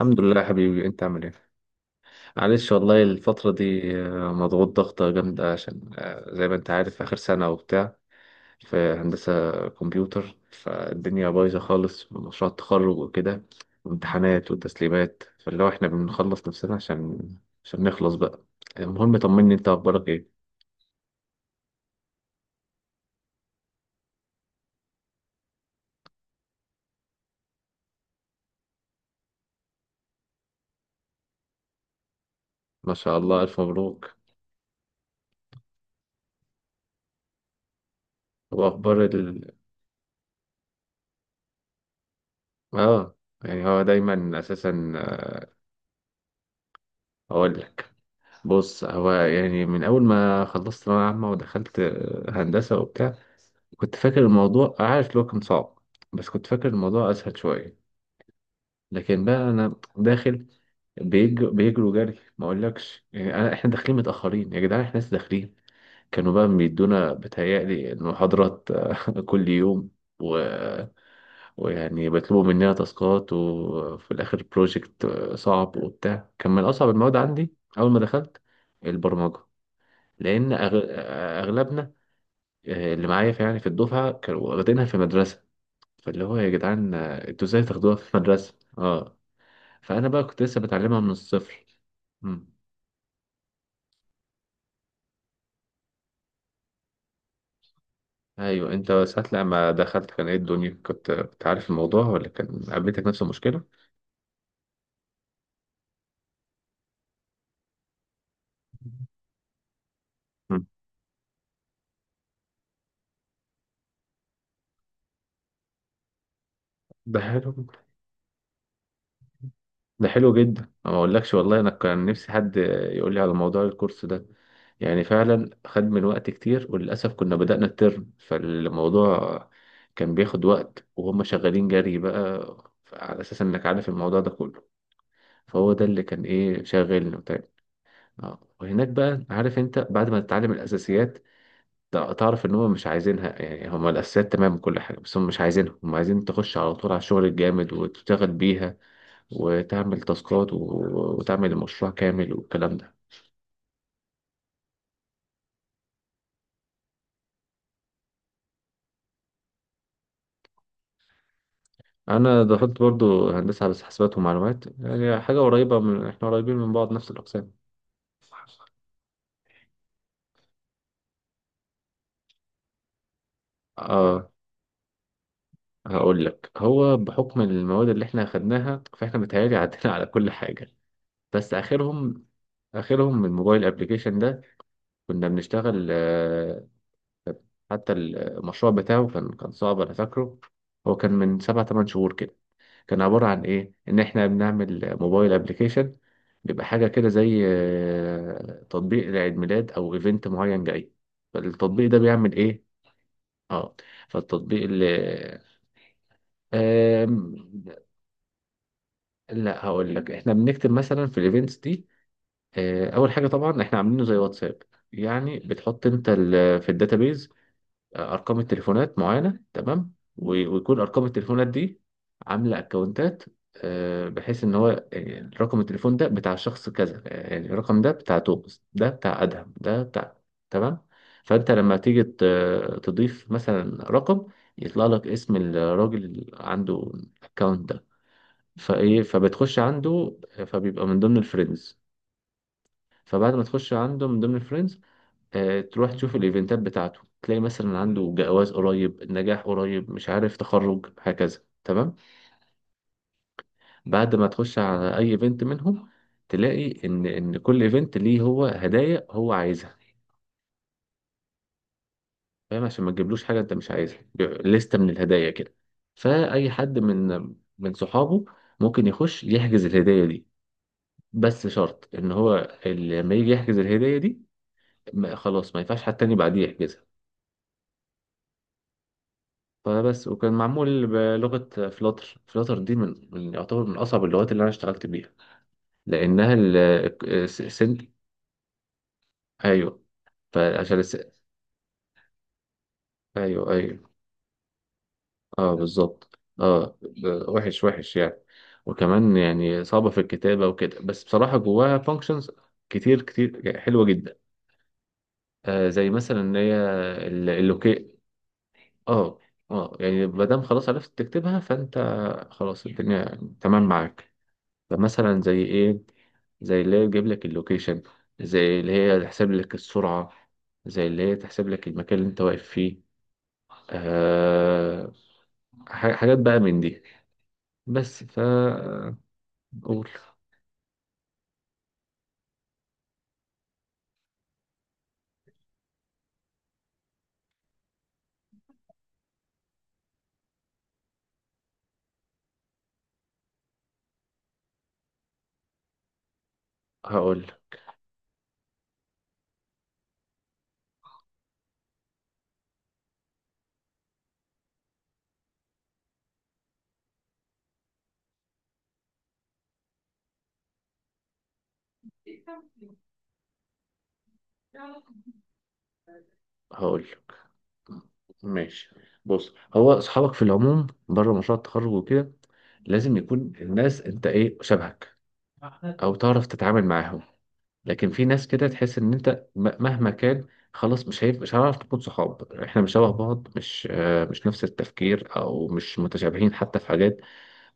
الحمد لله يا حبيبي، انت عامل ايه؟ معلش والله الفترة دي مضغوط ضغطة جامدة عشان زي ما انت عارف اخر سنة وبتاع في هندسة كمبيوتر. فالدنيا بايظة خالص، مشروع التخرج وكده وامتحانات وتسليمات، فاللي هو احنا بنخلص نفسنا عشان نخلص بقى. المهم، طمني انت اخبارك ايه؟ ما شاء الله، الف مبروك. واخبار اه، يعني هو دايما اساسا، اقول لك، بص هو يعني من أول ما خلصت ثانوية عامة ودخلت هندسة وبتاع، كنت فاكر الموضوع، عارف اللي هو كان صعب بس كنت فاكر الموضوع أسهل شوية. لكن بقى أنا داخل، بيجروا جري ما أقولكش، يعني أنا إحنا داخلين متأخرين يا جدعان، إحنا لسه داخلين. كانوا بقى بيدونا بتهيألي المحاضرات كل يوم و... ويعني بيطلبوا مننا تاسكات وفي الآخر بروجكت صعب وبتاع. كان من أصعب المواد عندي أول ما دخلت، البرمجة. لان أغ- اغلبنا، اللي معايا في يعني في الدفعه، كانوا واخدينها في مدرسه. فاللي هو يا جدعان انتوا ازاي تاخدوها في مدرسه؟ اه، فانا بقى كنت لسه بتعلمها من الصفر. مم. ايوه، انت ساعه لما دخلت كان ايه الدنيا، كنت عارف الموضوع، ولا كان قابلتك نفس المشكله؟ مم. ده حلو، ده حلو جدا. أنا ما اقولكش والله، انا كان نفسي حد يقول لي على موضوع الكورس ده. يعني فعلا خد من وقت كتير. وللاسف كنا بدأنا الترم فالموضوع كان بياخد وقت، وهم شغالين جري بقى على اساس انك عارف الموضوع ده كله. فهو ده اللي كان ايه شاغلني وبتاع. اه، وهناك بقى، عارف انت، بعد ما تتعلم الاساسيات، تعرف ان هم مش عايزينها. يعني هم الاساسيات تمام كل حاجه، بس هم مش عايزينها، هم عايزين تخش على طول على الشغل الجامد وتشتغل بيها وتعمل تاسكات وتعمل المشروع كامل والكلام ده. انا دخلت برضو هندسه على حسابات ومعلومات، يعني حاجه قريبه، احنا قريبين من بعض، نفس الاقسام. اه، هقول لك، هو بحكم المواد اللي احنا خدناها، فاحنا متهيألي عدينا على كل حاجه. بس اخرهم من الموبايل ابلكيشن ده، كنا بنشتغل. حتى المشروع بتاعه كان صعب، انا فاكره. هو كان من 7 8 شهور كده. كان عبارة عن إيه؟ إن إحنا بنعمل موبايل أبليكيشن بيبقى حاجة كده زي تطبيق لعيد ميلاد أو إيفنت معين جاي. فالتطبيق ده بيعمل إيه؟ آه فالتطبيق اللي آم، لا، هقول لك، إحنا بنكتب مثلا في الإيفنتس دي. أول حاجة طبعا إحنا عاملينه زي واتساب، يعني بتحط أنت في الداتابيز ارقام التليفونات معينه، تمام، ويكون ارقام التليفونات دي عامله اكونتات. بحيث ان هو رقم التليفون ده بتاع شخص كذا، يعني الرقم ده بتاع توماس، ده بتاع ادهم، ده بتاع، تمام. فانت لما تيجي تضيف مثلا رقم، يطلع لك اسم الراجل اللي عنده الاكونت ده. فبتخش عنده، فبيبقى من ضمن الفريندز. فبعد ما تخش عنده من ضمن الفريندز، تروح تشوف الايفنتات بتاعته، تلاقي مثلا عنده جواز قريب، نجاح قريب، مش عارف تخرج، هكذا، تمام. بعد ما تخش على اي ايفنت منهم، تلاقي ان كل ايفنت ليه هو هدايا هو عايزها. فاهم، عشان ما تجيبلوش حاجه انت مش عايزها، بيبقى لستة من الهدايا كده. فاي حد من صحابه ممكن يخش يحجز الهدايا دي. بس شرط ان هو لما يجي يحجز الهدايا دي، خلاص ما ينفعش حد تاني بعديه يحجزها. فبس. وكان معمول بلغة فلاتر. فلاتر دي يعتبر من أصعب اللغات اللي أنا اشتغلت بيها، لأنها ال سن أيوه. فعشان أيوه، أيوه. أه بالظبط، أه. وحش وحش يعني، وكمان يعني صعبة في الكتابة وكده، بس بصراحة جواها فانكشنز كتير كتير يعني، حلوة جدا. آه زي مثلا إن هي اللوكي، أه. أه، يعني ما دام خلاص عرفت تكتبها، فأنت خلاص الدنيا تمام معاك. فمثلا زي ايه؟ زي اللي هي تجيب لك اللوكيشن، زي اللي هي تحسب لك السرعة، زي اللي هي تحسب لك المكان اللي انت واقف فيه. أه، حاجات بقى من دي. بس قول. هقول هقول ماشي. بص، هو اصحابك في العموم بره مشروع التخرج وكده لازم يكون الناس انت ايه شبهك، او تعرف تتعامل معاهم. لكن في ناس كده تحس ان انت مهما كان، خلاص مش هنعرف نكون صحاب، احنا مش شبه بعض، مش نفس التفكير او مش متشابهين حتى في حاجات.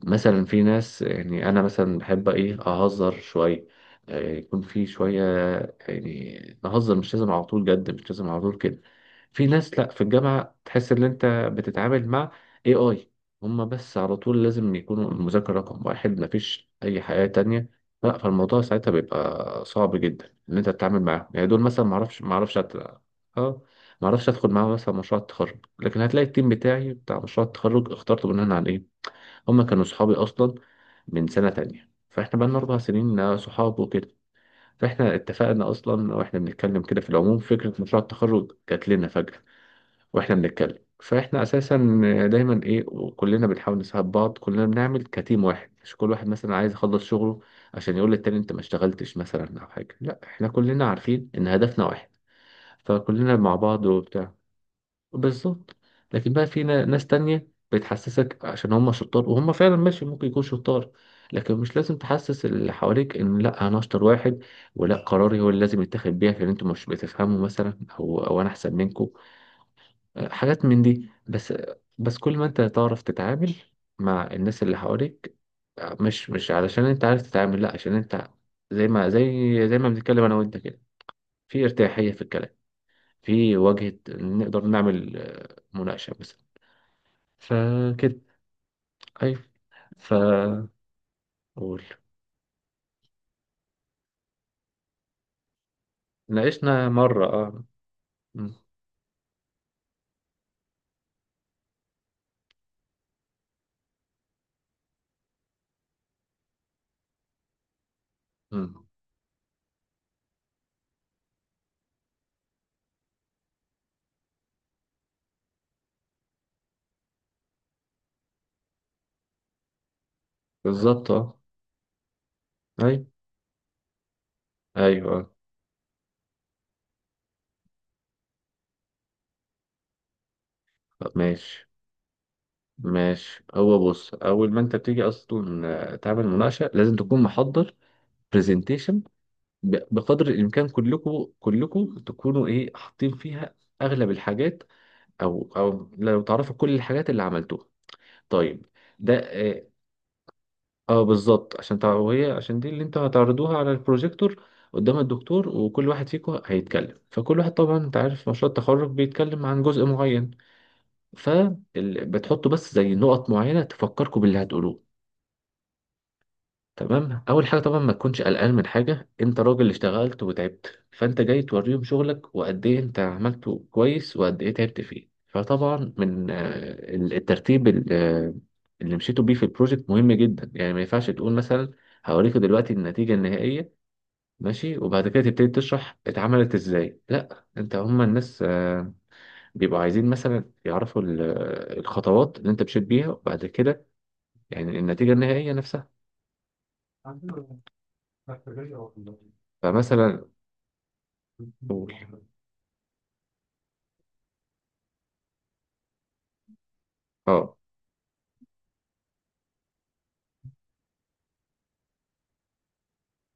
مثلا في ناس، يعني انا مثلا بحب ايه اهزر شويه، يكون في شويه، يعني نهزر، مش لازم على طول جد، مش لازم على طول كده. في ناس لا في الجامعه تحس ان انت بتتعامل مع اي هما، بس على طول لازم يكونوا المذاكره رقم واحد، مفيش اي حياه تانية. لا، فالموضوع ساعتها بيبقى صعب جدا ان انت تتعامل معاهم، يعني دول مثلا معرفش اه، معرفش ادخل معاهم مثلا مشروع التخرج. لكن هتلاقي التيم بتاعي بتاع مشروع التخرج اخترته بناء على ايه، هما كانوا صحابي اصلا من سنه تانية، فاحنا بقالنا 4 سنين صحاب وكده. فاحنا اتفقنا اصلا واحنا بنتكلم كده في العموم، فكره مشروع التخرج جات لنا فجاه واحنا بنتكلم. فاحنا اساسا دايما ايه، كلنا بنحاول نساعد بعض، كلنا بنعمل كتيم واحد، مش كل واحد مثلا عايز يخلص شغله عشان يقول للتاني انت ما اشتغلتش مثلا او حاجه. لا، احنا كلنا عارفين ان هدفنا واحد، فكلنا مع بعض وبتاع. بالظبط. لكن بقى في ناس تانية بتحسسك عشان هم شطار، وهم فعلا ماشي ممكن يكون شطار. لكن مش لازم تحسس اللي حواليك ان لا انا اشطر واحد، ولا قراري هو اللي لازم يتاخد بيه، عشان انتوا مش بتفهموا مثلا، او انا احسن منكم. حاجات من دي بس. بس كل ما انت تعرف تتعامل مع الناس اللي حواليك، مش علشان انت عارف تتعامل، لا عشان انت، زي ما بنتكلم انا وانت كده، في ارتياحية في الكلام، في وجهة، نقدر نعمل مناقشة مثلا. فكده. أيوة، فقول. ناقشنا مرة، اه. م- م. بالظبط، اه. أيوة، أيوة، طب ماشي، ماشي هو بص، أول ما أنت بتيجي أصلا، تعمل مناقشة، لازم تكون محضر برزنتيشن بقدر الإمكان. كلكم تكونوا إيه حاطين فيها أغلب الحاجات، أو لو تعرفوا كل الحاجات اللي عملتوها. طيب. ده اه بالظبط، عشان وهي عشان دي اللي انتوا هتعرضوها على البروجيكتور قدام الدكتور، وكل واحد فيكم هيتكلم. فكل واحد طبعا انت عارف مشروع التخرج بيتكلم عن جزء معين، فبتحطوا بس زي نقط معينة تفكركم باللي هتقولوه. تمام. اول حاجه طبعا ما تكونش قلقان من حاجه، انت راجل اشتغلت وتعبت، فانت جاي توريهم شغلك وقد ايه انت عملته كويس وقد ايه تعبت فيه. فطبعا من الترتيب اللي مشيتوا بيه في البروجكت مهم جدا. يعني ما ينفعش تقول مثلا هوريكوا دلوقتي النتيجه النهائيه، ماشي، وبعد كده تبتدي تشرح اتعملت ازاي. لا، انت، هما الناس بيبقوا عايزين مثلا يعرفوا الخطوات اللي انت مشيت بيها، وبعد كده يعني النتيجه النهائيه نفسها. فمثلا قول، اه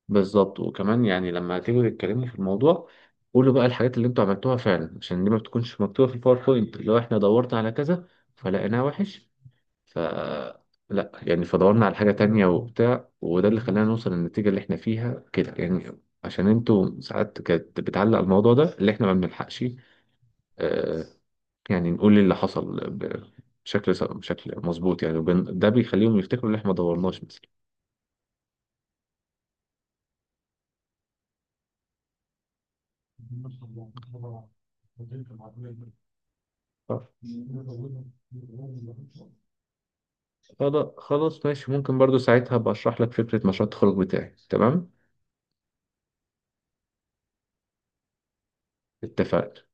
بالظبط. وكمان يعني لما تيجوا تتكلموا في الموضوع، قولوا بقى الحاجات اللي انتوا عملتوها فعلا، عشان دي ما بتكونش مكتوبة في الباوربوينت. لو احنا دورنا على كذا فلقيناه وحش، ف لا يعني، فدورنا على حاجة تانية وبتاع، وده اللي خلانا نوصل للنتيجة اللي احنا فيها كده. يعني عشان انتوا ساعات كانت بتعلق الموضوع، ده اللي احنا ما بنلحقش آه يعني نقول إيه اللي حصل بشكل مظبوط يعني، ده بيخليهم يفتكروا اللي احنا ما دورناش مثلا. خلاص خلاص، ماشي. ممكن برضو ساعتها بشرح لك فكرة مشروع التخرج بتاعي. تمام، اتفقنا.